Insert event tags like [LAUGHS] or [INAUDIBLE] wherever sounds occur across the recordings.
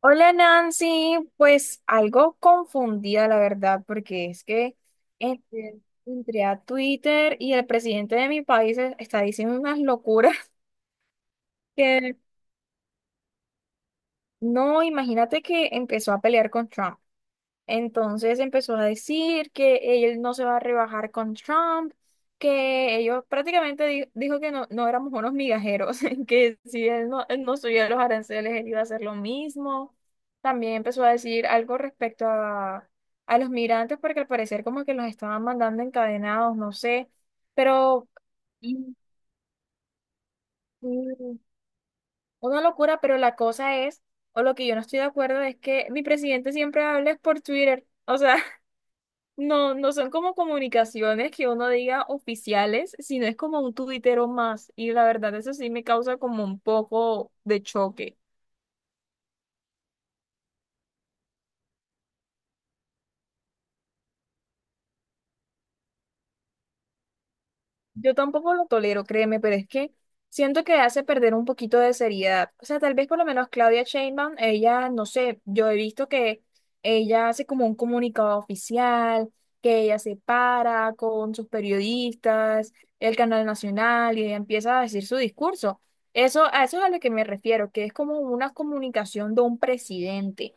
Hola Nancy, pues algo confundida la verdad, porque es que entre, entré a Twitter y el presidente de mi país está diciendo unas locuras [LAUGHS] que no, imagínate que empezó a pelear con Trump. Entonces empezó a decir que él no se va a rebajar con Trump, que ellos prácticamente dijo que no, no éramos unos migajeros, [LAUGHS] que si él no subía los aranceles, él iba a hacer lo mismo. También empezó a decir algo respecto a los migrantes, porque al parecer como que los estaban mandando encadenados, no sé, pero Mm, mm, una locura, pero la cosa es, o lo que yo no estoy de acuerdo es que mi presidente siempre habla es por Twitter, o sea. No, no son como comunicaciones que uno diga oficiales, sino es como un tuitero más. Y la verdad, eso sí me causa como un poco de choque. Yo tampoco lo tolero, créeme, pero es que siento que hace perder un poquito de seriedad. O sea, tal vez por lo menos Claudia Sheinbaum, ella, no sé, yo he visto que ella hace como un comunicado oficial, que ella se para con sus periodistas, el canal nacional, y ella empieza a decir su discurso. Eso, a eso es a lo que me refiero, que es como una comunicación de un presidente.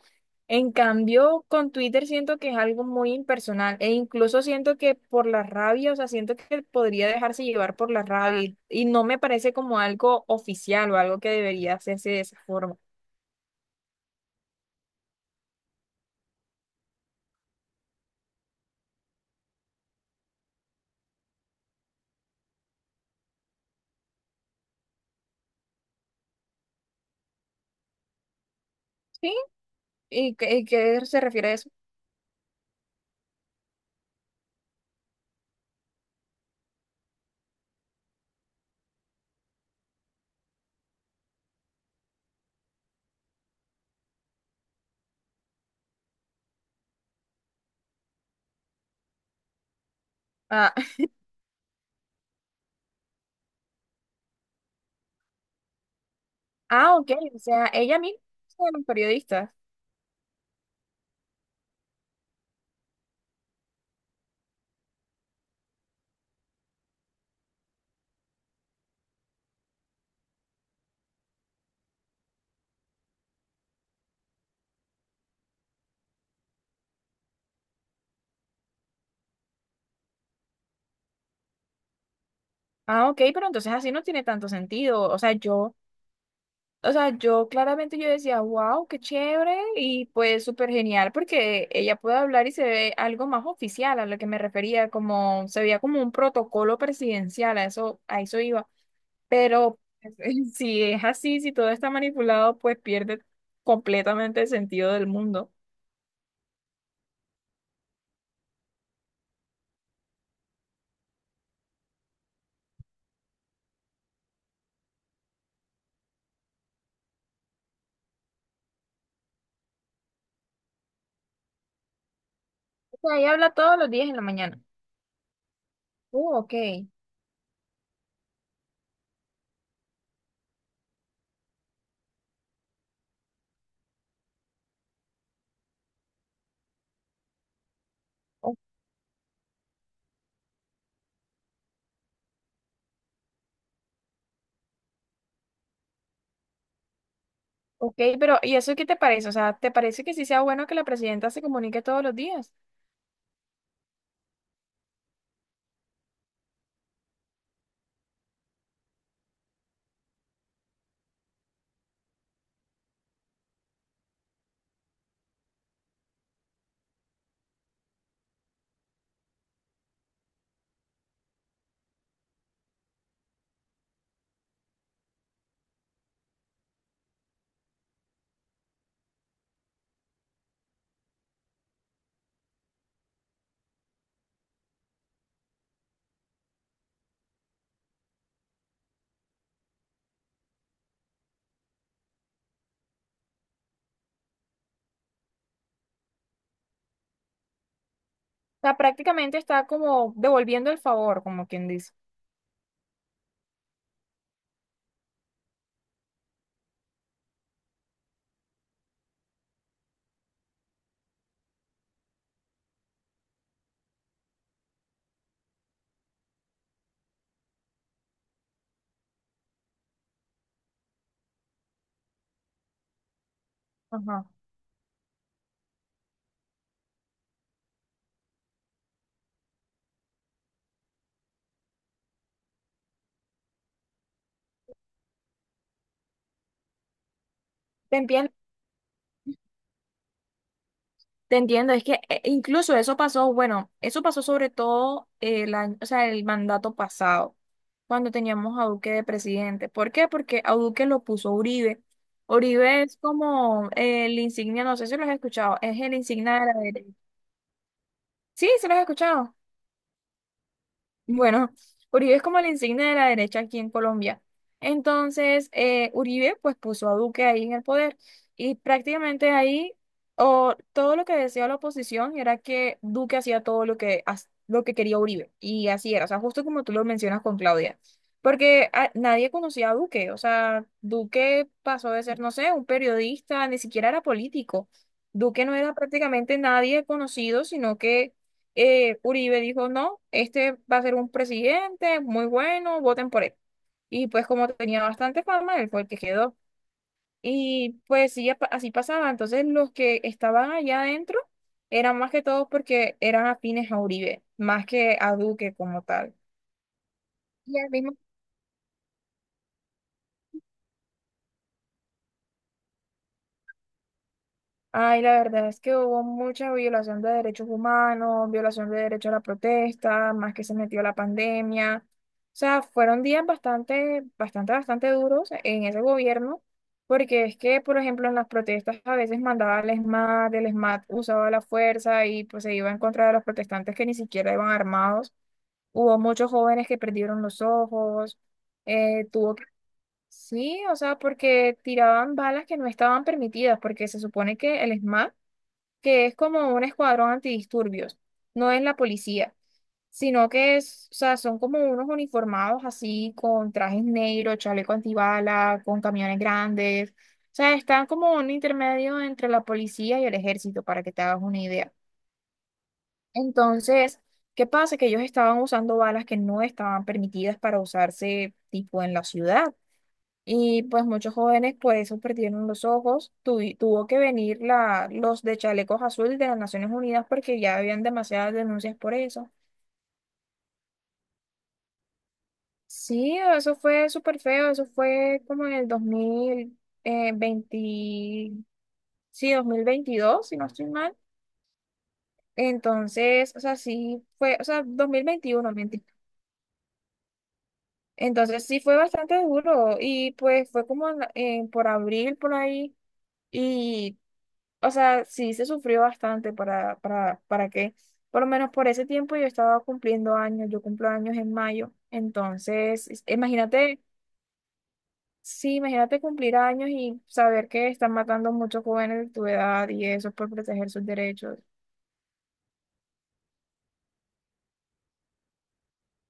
En cambio, con Twitter siento que es algo muy impersonal e incluso siento que por la rabia, o sea, siento que podría dejarse llevar por la rabia y no me parece como algo oficial o algo que debería hacerse de esa forma. ¿Sí? ¿Y qué se refiere a eso? Ah, [LAUGHS] ah, ok, o sea, ella misma es una periodista. Ah, ok, pero entonces así no tiene tanto sentido. O sea, yo. O sea, yo claramente yo decía, wow, qué chévere y pues súper genial porque ella puede hablar y se ve algo más oficial a lo que me refería, como se veía como un protocolo presidencial, a eso iba. Pero [LAUGHS] si es así, si todo está manipulado, pues pierde completamente el sentido del mundo. O sea, ella habla todos los días en la mañana. Ok. O- ok, pero ¿y eso qué te parece? O sea, ¿te parece que sí sea bueno que la presidenta se comunique todos los días? Sea, prácticamente está como devolviendo el favor, como quien dice. Ajá. Te entiendo, te entiendo. Es que incluso eso pasó, bueno, eso pasó sobre todo el año, o sea, el mandato pasado, cuando teníamos a Duque de presidente. ¿Por qué? Porque a Duque lo puso Uribe. Uribe es como el insignia, no sé si lo has escuchado, es el insignia de la derecha. Sí, se lo has escuchado. Bueno, Uribe es como la insignia de la derecha aquí en Colombia. Entonces, Uribe pues puso a Duque ahí en el poder y prácticamente ahí o, todo lo que decía la oposición era que Duque hacía todo lo que, lo que quería Uribe y así era, o sea, justo como tú lo mencionas con Claudia, porque nadie conocía a Duque, o sea, Duque pasó de ser, no sé, un periodista, ni siquiera era político. Duque no era prácticamente nadie conocido, sino que Uribe dijo, no, este va a ser un presidente muy bueno, voten por él. Y pues como tenía bastante fama, él fue el que quedó. Y pues sí, así pasaba. Entonces los que estaban allá adentro eran más que todos porque eran afines a Uribe, más que a Duque como tal. Y al mismo. Ay, la verdad es que hubo mucha violación de derechos humanos, violación de derecho a la protesta, más que se metió la pandemia. O sea, fueron días bastante, bastante, bastante duros en ese gobierno, porque es que, por ejemplo, en las protestas a veces mandaba al ESMAD, el ESMAD usaba la fuerza y pues se iba en contra de los protestantes que ni siquiera iban armados. Hubo muchos jóvenes que perdieron los ojos, tuvo que. Sí, o sea, porque tiraban balas que no estaban permitidas, porque se supone que el ESMAD que es como un escuadrón antidisturbios, no es la policía, sino que es, o sea, son como unos uniformados así con trajes negros, chaleco antibala, con camiones grandes, o sea, están como un intermedio entre la policía y el ejército, para que te hagas una idea. Entonces, ¿qué pasa? Que ellos estaban usando balas que no estaban permitidas para usarse tipo en la ciudad. Y pues muchos jóvenes por eso perdieron los ojos. Tuvo que venir la, los de chalecos azul de las Naciones Unidas porque ya habían demasiadas denuncias por eso. Sí, eso fue súper feo. Eso fue como en el 2020, sí, 2022 si no estoy mal. Entonces, o sea, sí fue, o sea, 2021 mentira. Entonces sí fue bastante duro y pues fue como en la- en por abril, por ahí. Y. O sea, sí se sufrió bastante para, que, por lo menos por ese tiempo yo estaba cumpliendo años, yo cumplo años en mayo, entonces, imagínate, sí, imagínate cumplir años y saber que están matando muchos jóvenes de tu edad y eso por proteger sus derechos.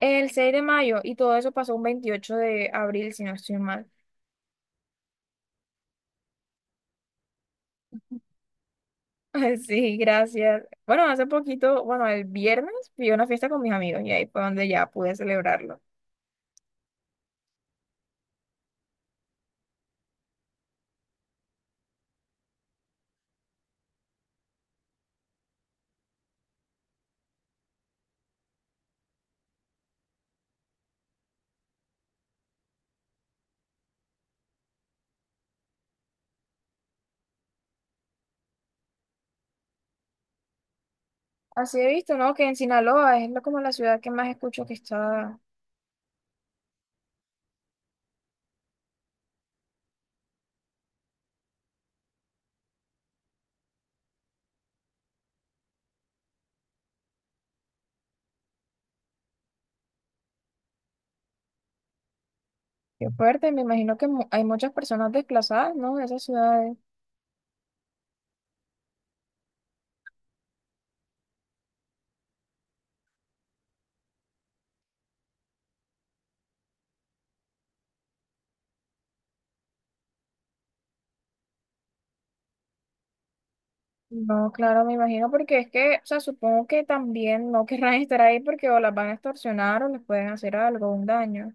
El 6 de mayo y todo eso pasó un 28 de abril, si no estoy mal. [LAUGHS] Ay, sí, gracias. Bueno, hace poquito, bueno, el viernes fui a una fiesta con mis amigos y ahí fue donde ya pude celebrarlo. Así he visto, ¿no? Que en Sinaloa es como la ciudad que más escucho que está. Qué fuerte. Me imagino que hay muchas personas desplazadas, ¿no? De esas ciudades. No, claro, me imagino porque es que, o sea, supongo que también no querrán [LAUGHS] estar ahí porque o las van a extorsionar o les pueden hacer algo, un daño.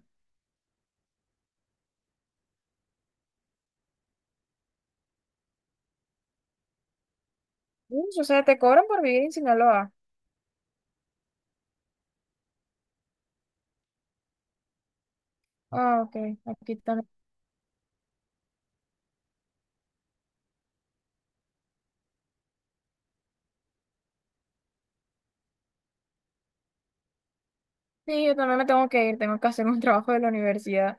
Ush, o sea, te cobran por vivir en Sinaloa. Ah, ok, aquí también. Sí, yo también me tengo que ir, tengo que hacer un [LAUGHS] trabajo de la universidad.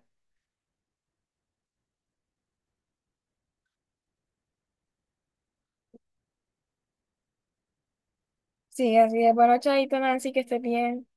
Sí, así es. Bueno, chaito, Nancy, que estés bien.